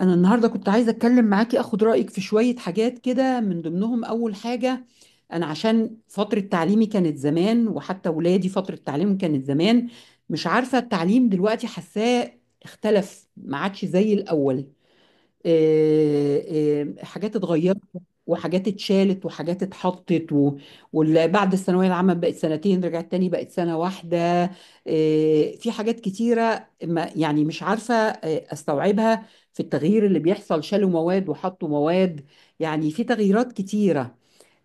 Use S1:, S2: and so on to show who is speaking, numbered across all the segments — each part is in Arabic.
S1: أنا النهاردة كنت عايزة أتكلم معاكي أخد رأيك في شوية حاجات كده، من ضمنهم أول حاجة. أنا عشان فترة تعليمي كانت زمان، وحتى ولادي فترة تعليمهم كانت زمان. مش عارفة التعليم دلوقتي حاساه اختلف، ما عادش زي الأول. آه، حاجات اتغيرت، وحاجات اتشالت، وحاجات اتحطت، واللي بعد الثانوية العامة بقت سنتين رجعت تاني بقت سنة واحدة. في حاجات كتيرة، ما يعني مش عارفة استوعبها في التغيير اللي بيحصل. شالوا مواد وحطوا مواد، يعني في تغييرات كتيرة.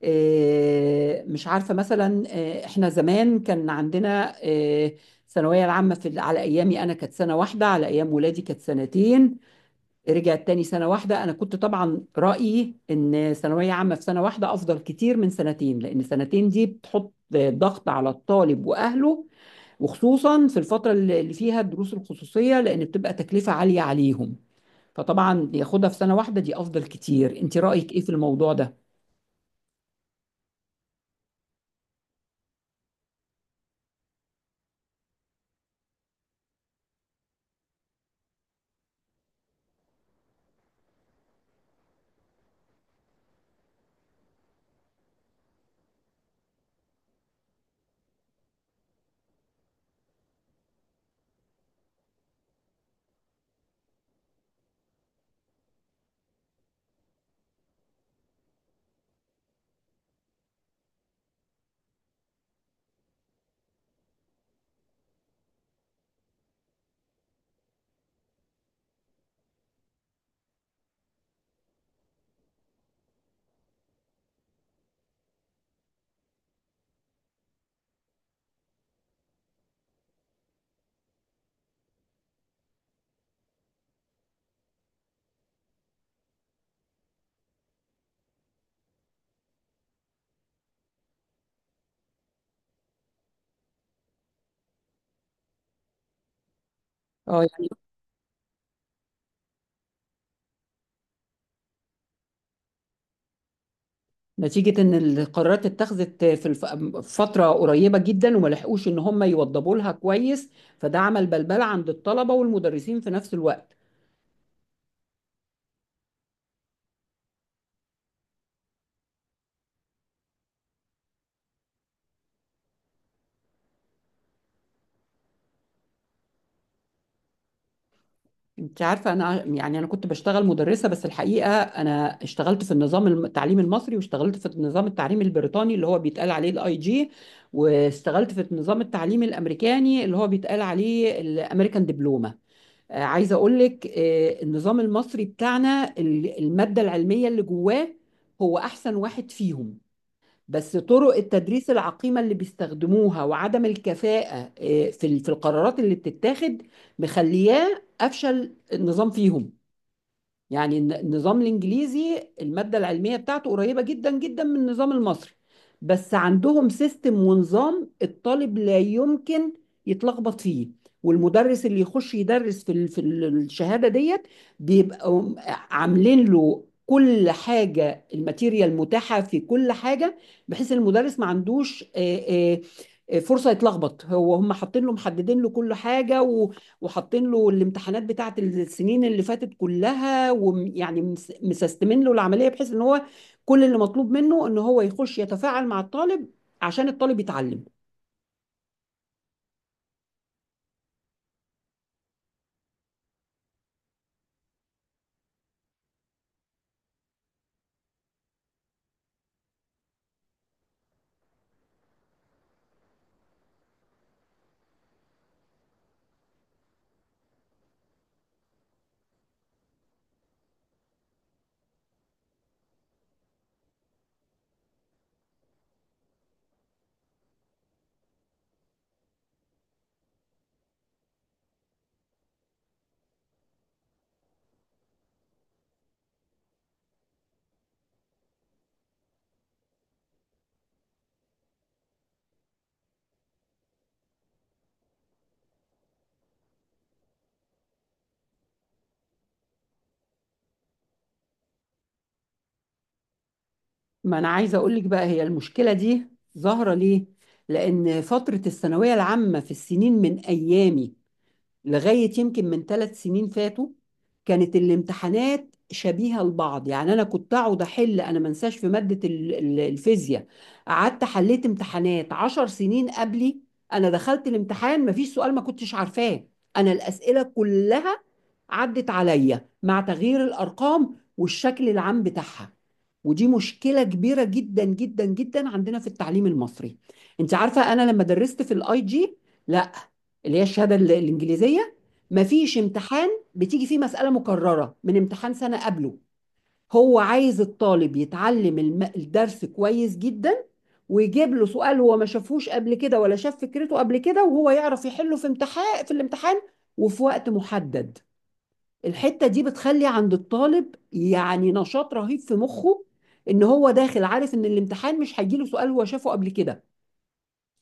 S1: مش عارفة مثلا، احنا زمان كان عندنا الثانوية العامة، في على أيامي أنا كانت سنة واحدة، على أيام ولادي كانت سنتين، رجعت تاني سنة واحدة. أنا كنت طبعا رأيي إن ثانوية عامة في سنة واحدة أفضل كتير من سنتين، لأن سنتين دي بتحط ضغط على الطالب وأهله، وخصوصا في الفترة اللي فيها الدروس الخصوصية، لأن بتبقى تكلفة عالية عليهم. فطبعا ياخدها في سنة واحدة دي أفضل كتير. أنت رأيك إيه في الموضوع ده؟ اه، يعني نتيجة إن القرارات اتخذت في فترة قريبة جدا، وما لحقوش إن هم يوضبوا لها كويس، فده عمل بلبلة عند الطلبة والمدرسين في نفس الوقت. انت عارفه، انا يعني انا كنت بشتغل مدرسه، بس الحقيقه انا اشتغلت في النظام التعليم المصري، واشتغلت في النظام التعليم البريطاني اللي هو بيتقال عليه الاي جي، واشتغلت في النظام التعليم الامريكاني اللي هو بيتقال عليه الامريكان دبلومه. عايزه اقول لك، النظام المصري بتاعنا الماده العلميه اللي جواه هو احسن واحد فيهم. بس طرق التدريس العقيمة اللي بيستخدموها، وعدم الكفاءة في القرارات اللي بتتاخد، مخلياه أفشل النظام فيهم. يعني النظام الانجليزي، الماده العلميه بتاعته قريبه جدا جدا من النظام المصري، بس عندهم سيستم ونظام الطالب لا يمكن يتلخبط فيه. والمدرس اللي يخش يدرس في الشهاده ديت، بيبقوا عاملين له كل حاجه، الماتيريال متاحه في كل حاجه، بحيث المدرس ما عندوش فرصه يتلخبط هو. هم حاطين له محددين له كل حاجه، وحاطين له الامتحانات بتاعت السنين اللي فاتت كلها، ويعني مسستمين له العملية، بحيث ان هو كل اللي مطلوب منه ان هو يخش يتفاعل مع الطالب عشان الطالب يتعلم. ما انا عايزة اقول لك بقى، هي المشكلة دي ظاهرة ليه؟ لان فترة الثانوية العامة في السنين من ايامي لغاية يمكن من 3 سنين فاتوا كانت الامتحانات شبيهة لبعض، يعني أنا كنت أقعد أحل، أنا ما انساش في مادة الفيزياء قعدت حليت امتحانات 10 سنين قبلي. أنا دخلت الامتحان ما فيش سؤال ما كنتش عارفاه، أنا الأسئلة كلها عدت عليا مع تغيير الأرقام والشكل العام بتاعها. ودي مشكلة كبيرة جدا جدا جدا عندنا في التعليم المصري. انت عارفة انا لما درست في الاي جي، لا، اللي هي الشهاده الانجليزيه، مفيش امتحان بتيجي فيه مساله مكرره من امتحان سنه قبله. هو عايز الطالب يتعلم الدرس كويس جدا، ويجيب له سؤال هو ما شافهوش قبل كده، ولا شاف فكرته قبل كده، وهو يعرف يحله في امتحان في الامتحان وفي وقت محدد. الحتة دي بتخلي عند الطالب يعني نشاط رهيب في مخه، ان هو داخل عارف ان الامتحان مش هيجيله سؤال هو شافه قبل كده.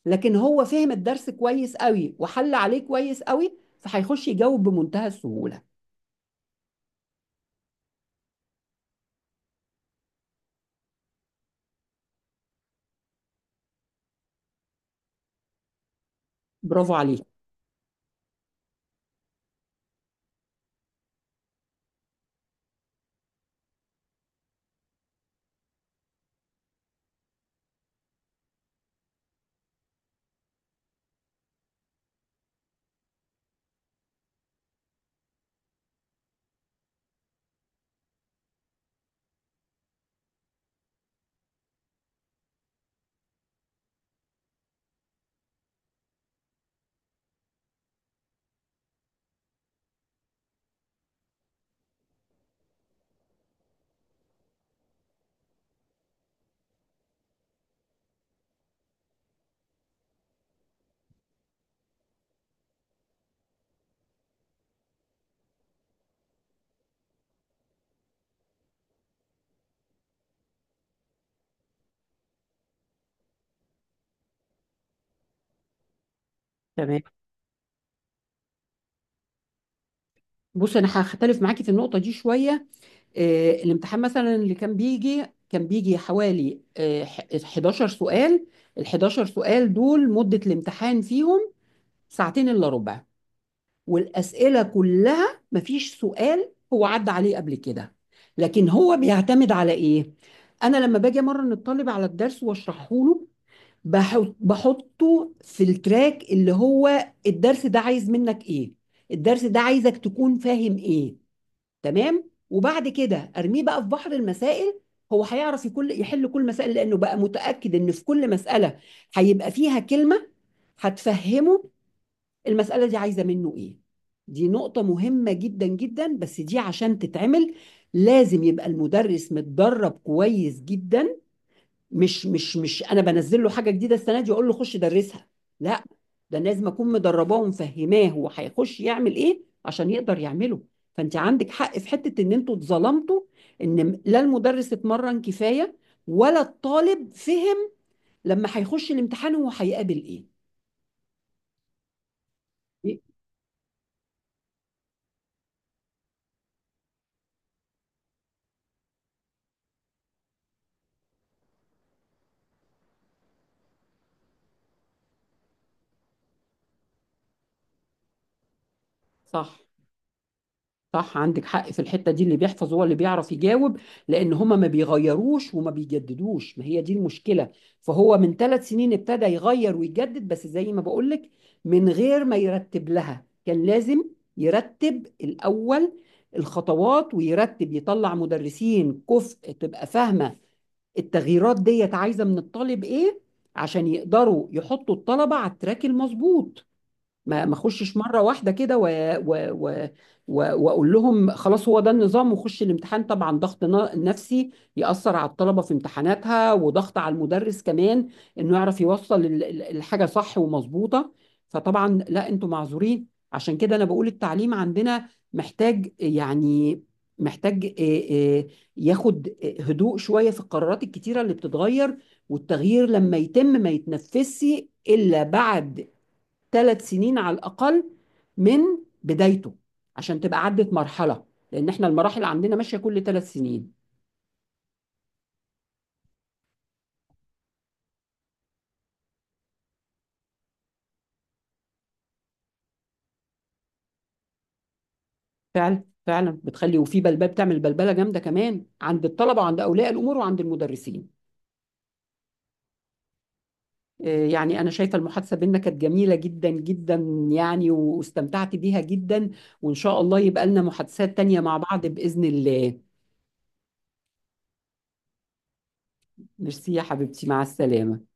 S1: لكن هو فهم الدرس كويس قوي، وحل عليه كويس قوي، فهيخش يجاوب بمنتهى السهولة. برافو عليك. تمام. بص انا هختلف معاكي في النقطة دي شوية. الامتحان مثلا اللي كان بيجي حوالي 11 سؤال، ال 11 سؤال دول مدة الامتحان فيهم ساعتين الا ربع. والأسئلة كلها مفيش سؤال هو عدى عليه قبل كده، لكن هو بيعتمد على ايه؟ انا لما باجي امرن الطالب على الدرس واشرحه له، بحطه في التراك اللي هو الدرس ده عايز منك ايه، الدرس ده عايزك تكون فاهم ايه، تمام. وبعد كده ارميه بقى في بحر المسائل، هو هيعرف يحل كل مسائل، لانه بقى متأكد ان في كل مسألة هيبقى فيها كلمة هتفهمه المسألة دي عايزة منه ايه. دي نقطة مهمة جدا جدا، بس دي عشان تتعمل لازم يبقى المدرس متدرب كويس جدا. مش انا بنزل له حاجه جديده السنه دي اقول له خش درسها. لا، ده أنا لازم اكون مدرباه ومفهماه هو هيخش يعمل ايه عشان يقدر يعمله. فانت عندك حق في حته ان انتوا اتظلمتوا، ان لا المدرس اتمرن كفايه ولا الطالب فهم، لما هيخش الامتحان هو هيقابل ايه. صح. صح، عندك حق في الحتة دي، اللي بيحفظ هو اللي بيعرف يجاوب. لأن هما ما بيغيروش وما بيجددوش، ما هي دي المشكلة. فهو من 3 سنين ابتدى يغير ويجدد، بس زي ما بقولك من غير ما يرتب لها. كان لازم يرتب الأول الخطوات، ويرتب يطلع مدرسين كفء تبقى فاهمة التغييرات ديت عايزة من الطالب إيه، عشان يقدروا يحطوا الطلبة على التراك المظبوط. ما اخشش مره واحده كده و... و... و... واقول لهم خلاص هو ده النظام وخش الامتحان. طبعا ضغط نفسي ياثر على الطلبه في امتحاناتها، وضغط على المدرس كمان انه يعرف يوصل الحاجه صح ومظبوطه. فطبعا لا، انتوا معذورين. عشان كده انا بقول التعليم عندنا محتاج، يعني محتاج، ياخد هدوء شويه في القرارات الكتيره اللي بتتغير. والتغيير لما يتم ما يتنفسش الا بعد 3 سنين على الأقل من بدايته، عشان تبقى عدت مرحلة، لأن احنا المراحل عندنا ماشية كل 3 سنين. فعلا فعلا بتخلي، وفي بلبلة، بتعمل بلبلة جامدة كمان عند الطلبة وعند أولياء الأمور وعند المدرسين. يعني أنا شايفة المحادثة بينا كانت جميلة جدا جدا، يعني واستمتعت بيها جدا، وإن شاء الله يبقى لنا محادثات تانية مع بعض بإذن الله. ميرسي يا حبيبتي، مع السلامة.